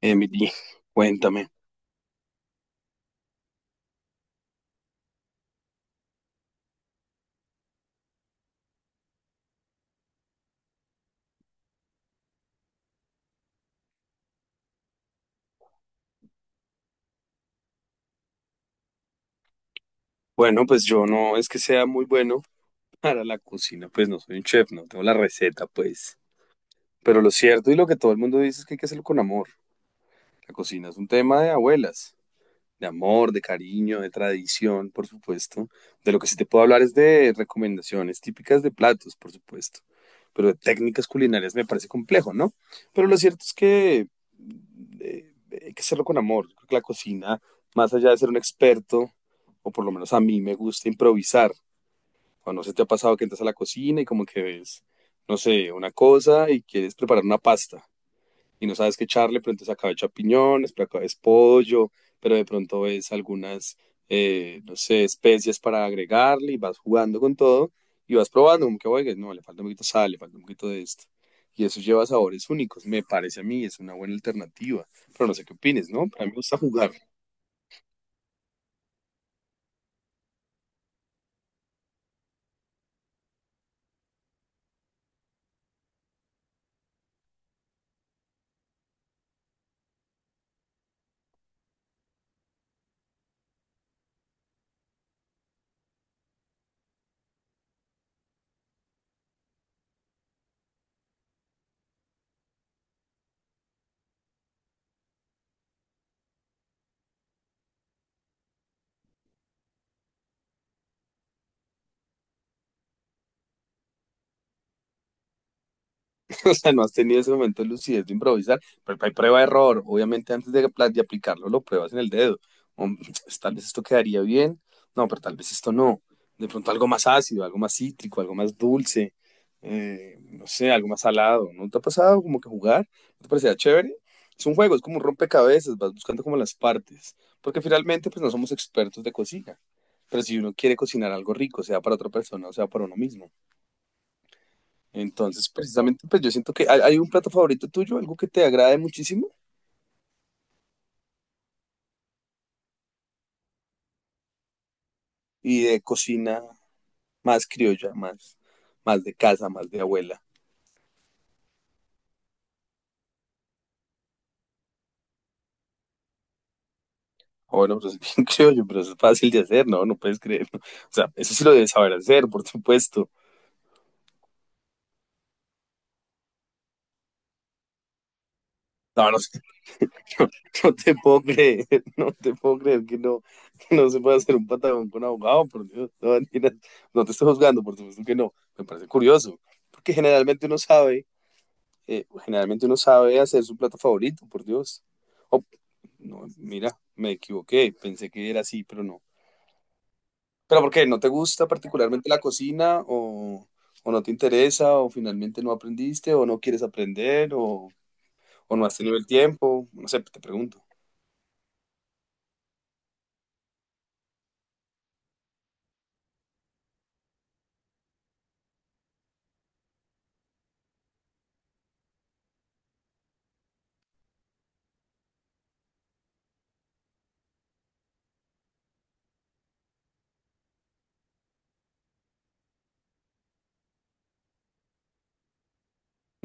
Emily, cuéntame. Bueno, pues yo no es que sea muy bueno para la cocina, pues no soy un chef, no tengo la receta, pues. Pero lo cierto y lo que todo el mundo dice es que hay que hacerlo con amor. La cocina es un tema de abuelas. De amor, de cariño, de tradición, por supuesto. De lo que sí te puedo hablar es de recomendaciones típicas de platos, por supuesto. Pero de técnicas culinarias me parece complejo, ¿no? Pero lo cierto es que eh, hay que hacerlo con amor. Creo que la cocina, más allá de ser un experto, o por lo menos a mí me gusta improvisar. Cuando se te ha pasado que entras a la cocina y como que ves, no sé, una cosa y quieres preparar una pasta y no sabes qué echarle, pero entonces acá es champiñones, pero acá es pollo, pero de pronto ves algunas, no sé, especias para agregarle y vas jugando con todo y vas probando, como que, oiga, no, le falta un poquito de sal, le falta un poquito de esto. Y eso lleva sabores únicos, me parece a mí, es una buena alternativa, pero no sé qué opines, ¿no? Para mí me gusta jugar. O sea, no has tenido ese momento de lucidez de improvisar, pero hay prueba de error, obviamente antes de, de aplicarlo lo pruebas en el dedo, o, tal vez esto quedaría bien, no, pero tal vez esto no, de pronto algo más ácido, algo más cítrico, algo más dulce, no sé, algo más salado, ¿no te ha pasado como que jugar? ¿No te parecía chévere? Es un juego, es como un rompecabezas, vas buscando como las partes, porque finalmente pues no somos expertos de cocina, pero si uno quiere cocinar algo rico, sea para otra persona o sea para uno mismo. Entonces, precisamente, pues yo siento que hay un plato favorito tuyo, algo que te agrade muchísimo y de cocina más criolla, más de casa, más de abuela. Ah, bueno, pues es bien criollo, pero eso es fácil de hacer, ¿no? No puedes creer. ¿No? O sea, eso sí lo debes saber hacer, por supuesto. No, no, sé, no, no te puedo creer, no te puedo creer que no se pueda hacer un patagón con abogado, por Dios. No, mentiras. No te estoy juzgando, por supuesto que no. Me parece curioso, porque generalmente uno sabe generalmente uno sabe hacer su plato favorito, por Dios. Oh, no, mira, me equivoqué, pensé que era así, pero no. ¿Pero por qué? ¿No te gusta particularmente la cocina o no te interesa o finalmente no aprendiste o no quieres aprender o no has tenido el tiempo? No sé, te pregunto.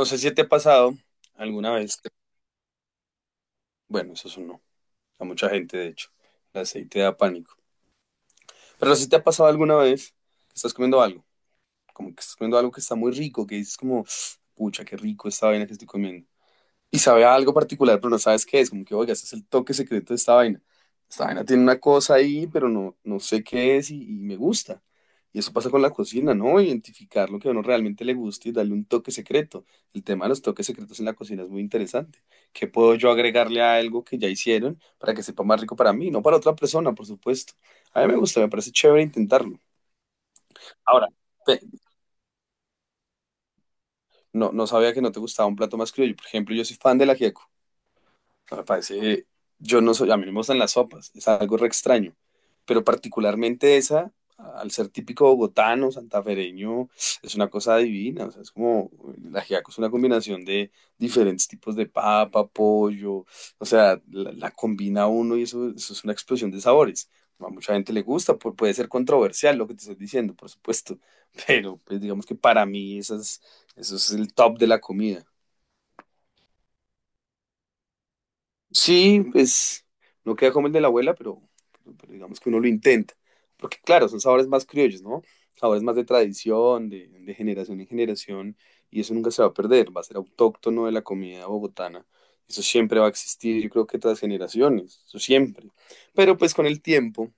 No sé si te ha pasado alguna vez bueno, eso es un no, a mucha gente de hecho, el aceite da pánico. Pero si te ha pasado alguna vez que estás comiendo algo como que estás comiendo algo que está muy rico, que dices como, pucha, qué rico esta vaina que estoy comiendo. Y sabe a algo particular, pero no sabes qué es, como que, oiga, este es el toque secreto de esta vaina. Esta vaina tiene una cosa ahí, pero no, no sé qué es y me gusta. Y eso pasa con la cocina, ¿no? Identificar lo que a uno realmente le gusta y darle un toque secreto. El tema de los toques secretos en la cocina es muy interesante. ¿Qué puedo yo agregarle a algo que ya hicieron para que sepa más rico para mí? No para otra persona, por supuesto. A mí me gusta, me parece chévere intentarlo. Ahora, pe- no, no sabía que no te gustaba un plato más criollo. Por ejemplo, yo soy fan del ajiaco. No me parece, yo no soy, a mí no me gustan las sopas, es algo re extraño, pero particularmente esa, al ser típico bogotano, santafereño, es una cosa divina, o sea, es como, la ajiaco es una combinación de diferentes tipos de papa, pollo, o sea, la combina uno y eso es una explosión de sabores. A mucha gente le gusta, puede ser controversial lo que te estoy diciendo, por supuesto, pero pues digamos que para mí eso es el top de la comida. Sí, pues no queda como el de la abuela, pero digamos que uno lo intenta. Porque claro, son sabores más criollos, ¿no? Sabores más de tradición, de generación en generación, y eso nunca se va a perder, va a ser autóctono de la comida bogotana. Eso siempre va a existir, yo creo que tras generaciones, eso siempre. Pero pues con el tiempo,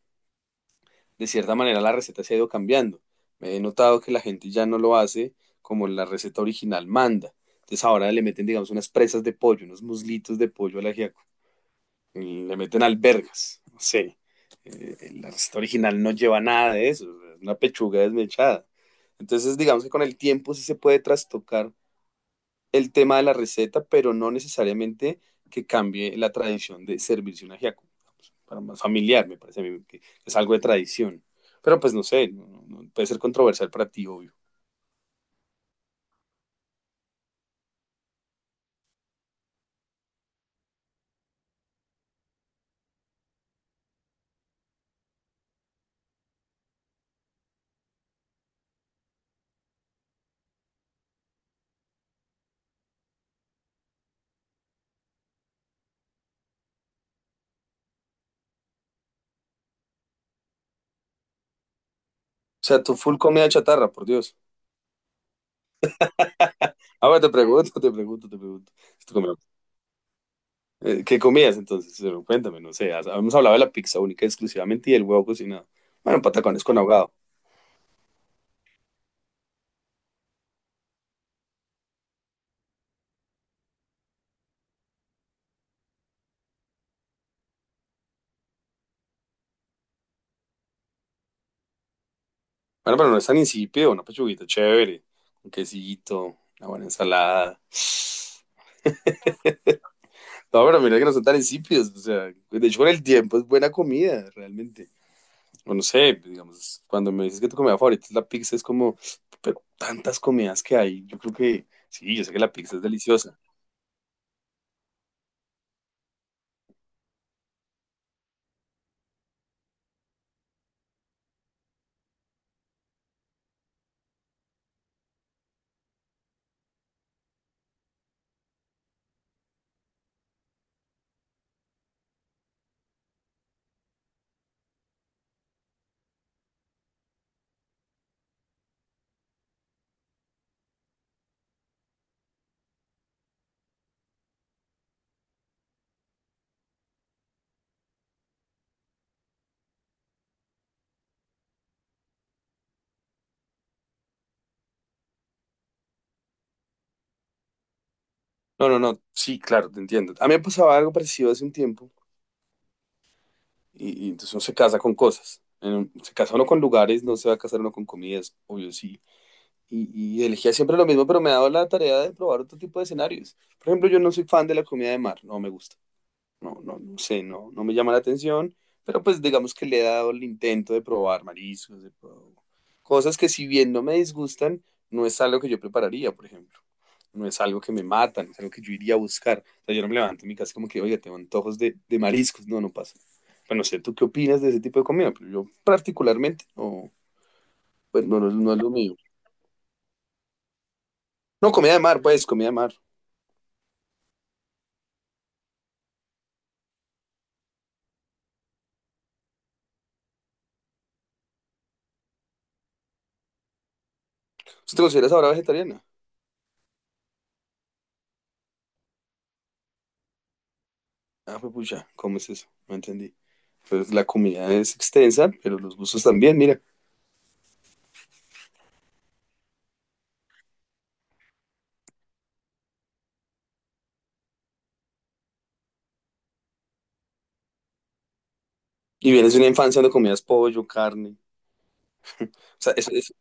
de cierta manera, la receta se ha ido cambiando. Me he notado que la gente ya no lo hace como la receta original manda. Entonces ahora le meten, digamos, unas presas de pollo, unos muslitos de pollo al ajiaco le meten albergas, no sé. La receta original no lleva nada de eso, una pechuga desmechada. Entonces, digamos que con el tiempo sí se puede trastocar el tema de la receta, pero no necesariamente que cambie la tradición de servirse un ajiaco. Pues, para más familiar, me parece a mí que es algo de tradición. Pero pues no sé, no puede ser controversial para ti, obvio. O sea, tu full comida chatarra, por Dios. Ahora te pregunto, te pregunto, te pregunto. Si tu ¿qué comías entonces? Pero cuéntame, no sé. Habíamos hablado de la pizza única exclusivamente y del huevo cocinado. Bueno, patacones con ahogado. Bueno, pero no es tan insípido, una pechuguita chévere, un quesito, una buena ensalada. No, pero mira que no son tan insípidos. O sea, de hecho, con el tiempo es buena comida, realmente. O no sé, digamos, cuando me dices que tu comida favorita es la pizza, es como, pero tantas comidas que hay. Yo creo que, sí, yo sé que la pizza es deliciosa. No, no, no, sí, claro, te entiendo. A mí me pasaba algo parecido hace un tiempo. Y entonces uno se casa con cosas. Se casa uno con lugares, no se va a casar uno con comidas, obvio sí. Y elegía siempre lo mismo, pero me ha dado la tarea de probar otro tipo de escenarios. Por ejemplo, yo no soy fan de la comida de mar, no me gusta no, no, no sé, no, no me llama la atención, pero pues digamos que le he dado el intento de probar mariscos, de probar cosas que si bien no me disgustan, no es algo que yo prepararía, por ejemplo. No es algo que me matan, es algo que yo iría a buscar. O sea, yo no me levanto en mi casa como que, oye, tengo antojos de mariscos. No, no pasa. Bueno, no sé, ¿tú qué opinas de ese tipo de comida? Pero yo particularmente, no, pues no, no, no es lo mío. No, comida de mar, pues, comida de mar. ¿Usted te consideras ahora vegetariana? Ah, pues pucha, ¿cómo es eso? No entendí. Pues la comida es extensa, pero los gustos también, mira. Y vienes de una infancia donde comías pollo, carne. O sea, eso es...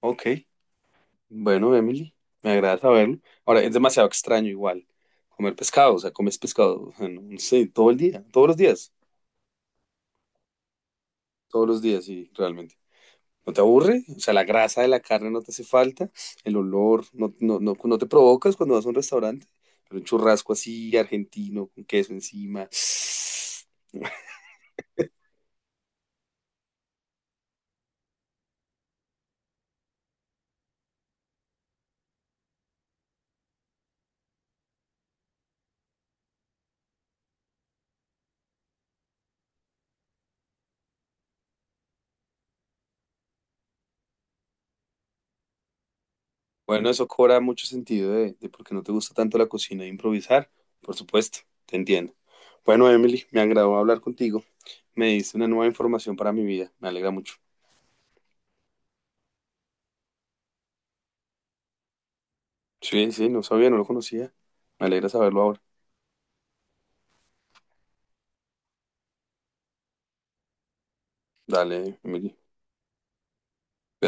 Ok, bueno, Emily, me agrada saberlo. Ahora, es demasiado extraño igual comer pescado, o sea, comes pescado, o sea, no, no sé, todo el día, todos los días, sí, realmente. ¿No te aburre? O sea, la grasa de la carne no te hace falta, el olor, no, no, no, no te provocas cuando vas a un restaurante, pero un churrasco así, argentino, con queso encima. Bueno, eso cobra mucho sentido de por qué no te gusta tanto la cocina e improvisar. Por supuesto, te entiendo. Bueno, Emily, me agradó hablar contigo. Me diste una nueva información para mi vida. Me alegra mucho. Sí, sí, no sabía, no lo conocía. Me alegra saberlo ahora. Dale, Emily.